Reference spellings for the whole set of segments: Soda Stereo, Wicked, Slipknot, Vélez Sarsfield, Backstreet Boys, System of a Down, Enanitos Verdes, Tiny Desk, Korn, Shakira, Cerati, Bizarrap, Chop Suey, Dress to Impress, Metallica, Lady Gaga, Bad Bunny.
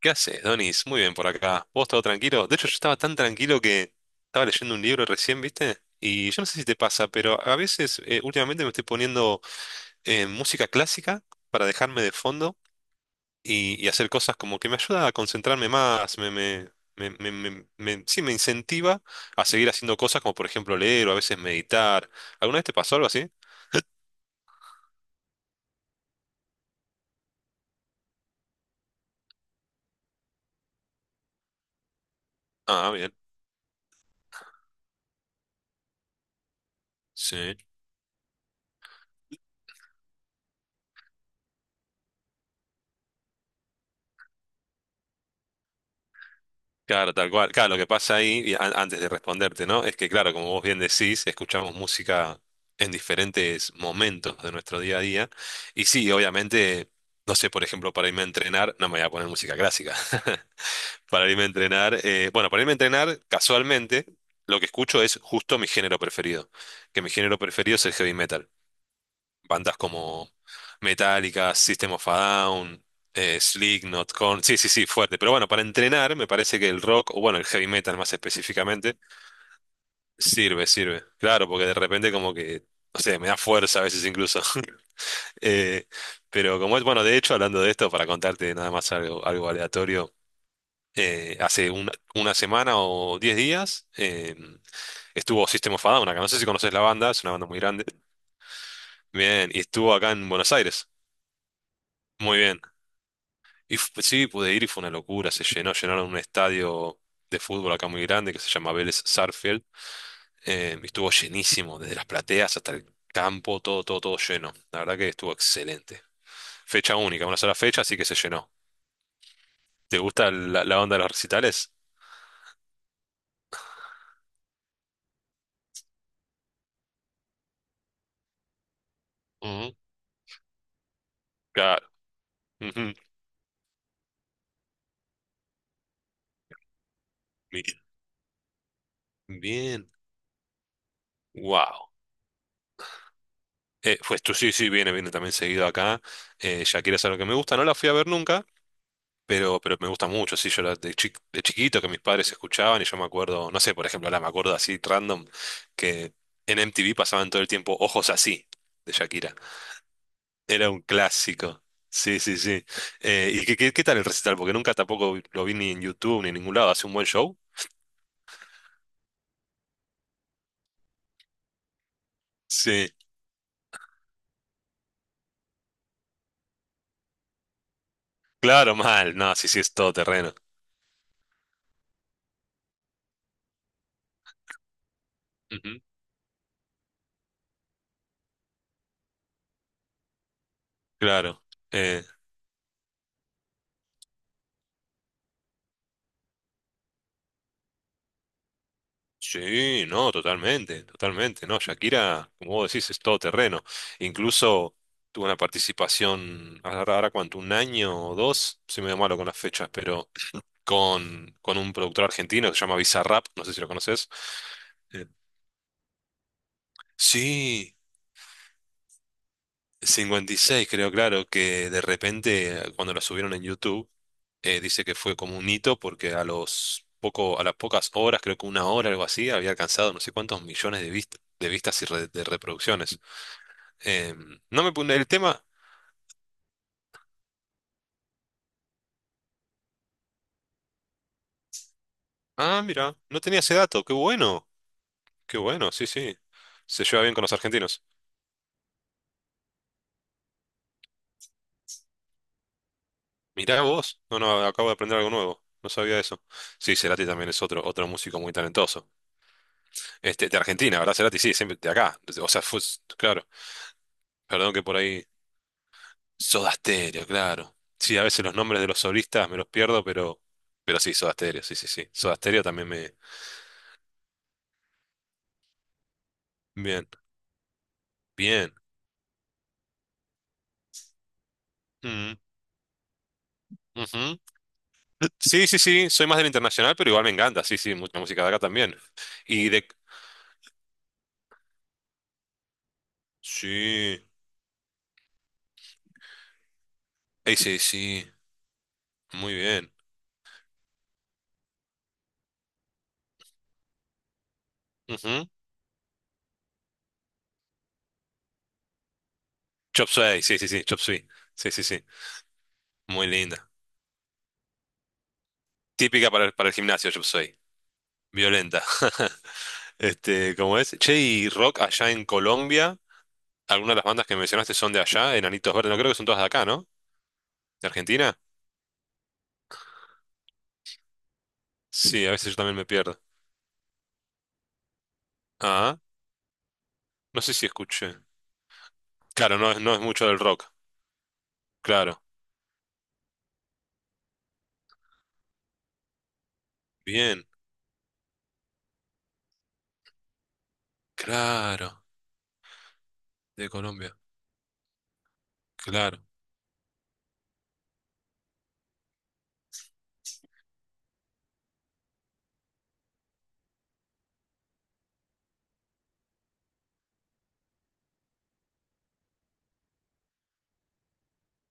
¿Qué haces, Donis? Muy bien por acá. ¿Vos todo tranquilo? De hecho, yo estaba tan tranquilo que estaba leyendo un libro recién, ¿viste? Y yo no sé si te pasa, pero a veces últimamente me estoy poniendo música clásica para dejarme de fondo y hacer cosas como que me ayuda a concentrarme más, sí, me incentiva a seguir haciendo cosas como por ejemplo leer o a veces meditar. ¿Alguna vez te pasó algo así? Ah, bien. Sí. Claro, tal cual. Claro, lo que pasa ahí, y antes de responderte, ¿no? Es que, claro, como vos bien decís, escuchamos música en diferentes momentos de nuestro día a día. Y sí, obviamente, no sé, por ejemplo, para irme a entrenar, no me voy a poner música clásica. Para irme a entrenar, bueno, para irme a entrenar, casualmente, lo que escucho es justo mi género preferido. Que mi género preferido es el heavy metal bandas como Metallica, System of a Down, Slipknot, Korn. Sí, sí, sí, fuerte. Pero bueno, para entrenar me parece que el rock, o bueno, el heavy metal más específicamente, sirve. Claro, porque de repente como que, no sé, me da fuerza a veces incluso. Eh, pero como es, bueno, de hecho, hablando de esto, para contarte nada más algo, algo aleatorio. Hace una semana o 10 días estuvo System of a Down acá. No sé si conoces la banda, es una banda muy grande. Bien, y estuvo acá en Buenos Aires. Muy bien. Y sí, pude ir y fue una locura. Se llenó, llenaron un estadio de fútbol acá muy grande que se llama Vélez Sarsfield. Y estuvo llenísimo, desde las plateas hasta el campo, todo, todo, todo lleno. La verdad que estuvo excelente. Fecha única, una sola fecha, así que se llenó. ¿Te gusta la, onda de los recitales? Ujú. Claro. Ujú. Bien. Bien. Wow. Pues tú sí, sí, viene, viene también seguido acá. Shakira es algo que me gusta, no la fui a ver nunca. Pero me gusta mucho, sí, yo era de chiquito que mis padres escuchaban y yo me acuerdo, no sé, por ejemplo, ahora me acuerdo así random, que en MTV pasaban todo el tiempo Ojos así, de Shakira. Era un clásico. Sí, sí, sí. ¿Y qué, qué tal el recital? Porque nunca tampoco lo vi ni en YouTube ni en ningún lado. ¿Hace un buen show? Sí. Claro, mal. No, sí, sí, es todo terreno. Ujú, claro. Eh, sí, no, totalmente, totalmente, no, Shakira, como vos decís, es todo terreno. Incluso tuvo una participación, ahora, cuánto, un año o dos, soy medio malo con las fechas, pero con un productor argentino que se llama Bizarrap, no sé si lo conoces. Eh, Sí, 56, creo, claro, que de repente cuando la subieron en YouTube, dice que fue como un hito porque a las pocas horas, creo que una hora, algo así, había alcanzado no sé cuántos millones de vistas, de reproducciones. No me pone el tema. Ah, mira, no tenía ese dato. Qué bueno, sí, sí. Se lleva bien con los argentinos. Mirá vos. No, no, acabo de aprender algo nuevo. No sabía eso. Sí, Cerati también es otro músico muy talentoso. Este, de Argentina, ¿verdad, Cerati? Sí, siempre de acá. O sea, fue, claro. Perdón que por ahí. Soda Stereo, claro. Sí, a veces los nombres de los solistas me los pierdo, pero sí, Soda Stereo, sí, sí, sí. Soda Stereo también me. Bien, bien. Mm, ujú. Sí, sí, sí, soy más del internacional, pero igual me encanta, sí, sí, mucha música de acá también. Y de... Sí, sí, sí, muy bien. Ujú. Chop Suey, sí, sí, sí, Chop Suey, sí, sí, sí, muy linda. Típica para el, gimnasio, Chop Suey, violenta. Este, ¿cómo es? Che, y rock allá en Colombia, algunas de las bandas que mencionaste son de allá, Enanitos Verdes, no creo que son todas de acá, ¿no? ¿De Argentina? Sí, a veces yo también me pierdo. Ah, no sé si escuché. Claro, no, no es mucho del rock, claro. Bien, claro. De Colombia. Claro.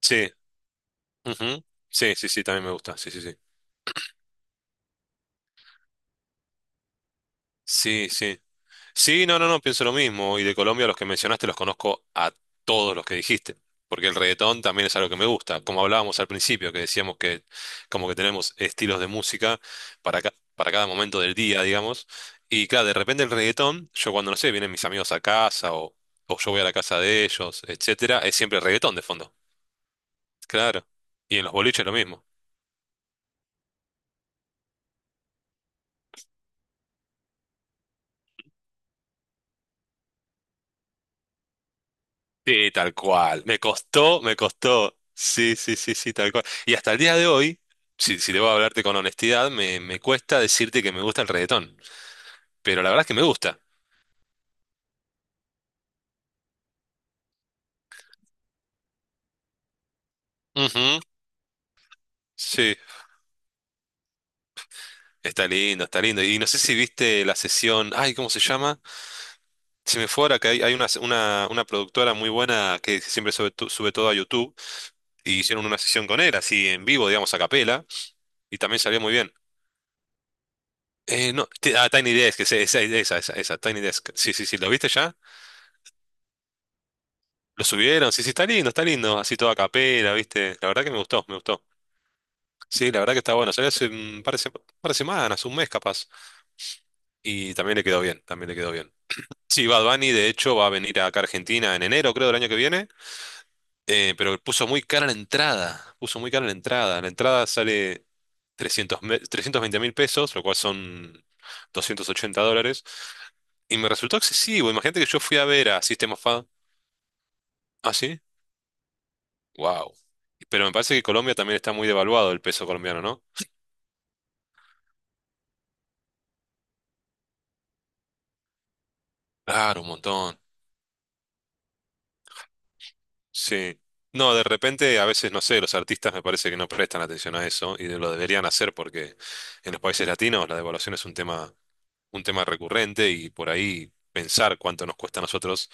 Sí. Ujú. Sí, sí, sí, también me gusta. Sí, sí, sí. Sí, sí. Sí, no, no, no, pienso lo mismo. Y de Colombia los que mencionaste los conozco a todos los que dijiste. Porque el reggaetón también es algo que me gusta. Como hablábamos al principio, que decíamos que como que tenemos estilos de música para, para cada momento del día, digamos. Y claro, de repente el reggaetón, yo cuando no sé, vienen mis amigos a casa o, yo voy a la casa de ellos, etcétera, es siempre reggaetón de fondo. Claro. Y en los boliches lo mismo. Sí, tal cual. Me costó, me costó. Sí, sí, sí, sí, tal cual. Y hasta el día de hoy, si debo hablarte con honestidad, me cuesta decirte que me gusta el reggaetón. Pero la verdad es que me gusta. Ujú, sí, está lindo, está lindo. Y no sé si viste la sesión, ay, ¿cómo se llama? Se me fue ahora que hay una productora muy buena que siempre sube todo a YouTube. Y hicieron una sesión con él, así en vivo, digamos, a capela. Y también salió muy bien. No, ah, Tiny Desk, esa, Tiny Desk. Sí, sí, sí, ¿lo viste ya? Lo subieron, sí, sí, está lindo, así toda capela, ¿viste? La verdad que me gustó, me gustó. Sí, la verdad que está bueno, salió hace un par de semanas, un mes capaz, y también le quedó bien, también le quedó bien. Sí, Bad Bunny de hecho va a venir acá a Argentina en enero, creo, del año que viene, pero puso muy cara la entrada, puso muy cara la entrada. La entrada sale 320.000 pesos, lo cual son $280, y me resultó excesivo. Imagínate que yo fui a ver a System of a... ¿Ah, sí? Wow. Pero me parece que Colombia también está muy devaluado el peso colombiano, ¿no? Claro, un montón. Sí. No, de repente a veces, no sé, los artistas me parece que no prestan atención a eso y lo deberían hacer porque en los países latinos la devaluación es un tema recurrente y por ahí pensar cuánto nos cuesta a nosotros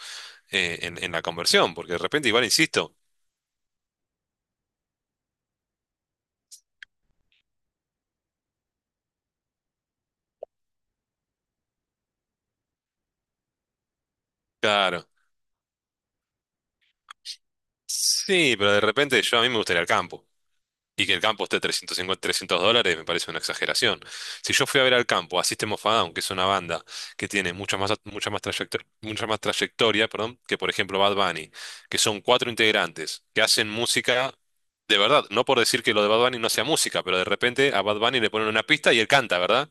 en, la conversión, porque de repente igual insisto. Claro. Sí, pero de repente yo a mí me gustaría el campo. Y que el campo esté 350, $300 me parece una exageración. Si yo fui a ver al campo a System of a Down, que es una banda que tiene mucha más trayectoria, perdón, que por ejemplo Bad Bunny, que son cuatro integrantes que hacen música de verdad, no por decir que lo de Bad Bunny no sea música, pero de repente a Bad Bunny le ponen una pista y él canta, ¿verdad?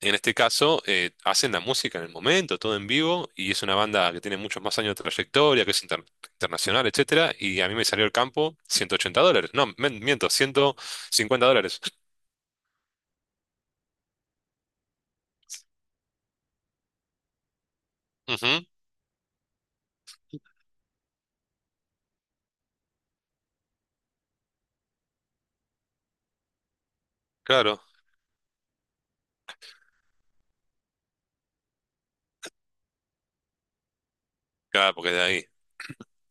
En este caso, hacen la música en el momento, todo en vivo, y es una banda que tiene muchos más años de trayectoria, que es internacional, etcétera, y a mí me salió el campo $180. No, miento, $150. Ujú, claro, claro, porque es de ahí.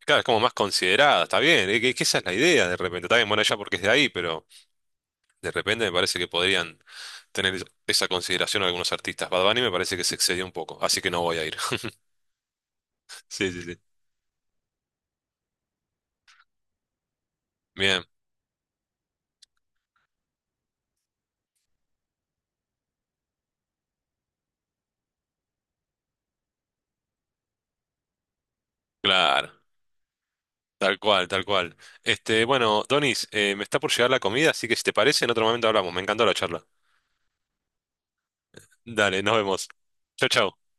Claro, es como más considerada, está bien, es que esa es la idea de repente. Está bien, bueno, ya porque es de ahí, pero de repente me parece que podrían tener esa consideración algunos artistas. Bad Bunny me parece que se excedió un poco, así que no voy a ir. Sí, sí, sí. Bien, claro. Tal cual, tal cual. Este, bueno, Donis, me está por llegar la comida, así que si te parece, en otro momento hablamos. Me encantó la charla. Dale, nos vemos. Chau, chau.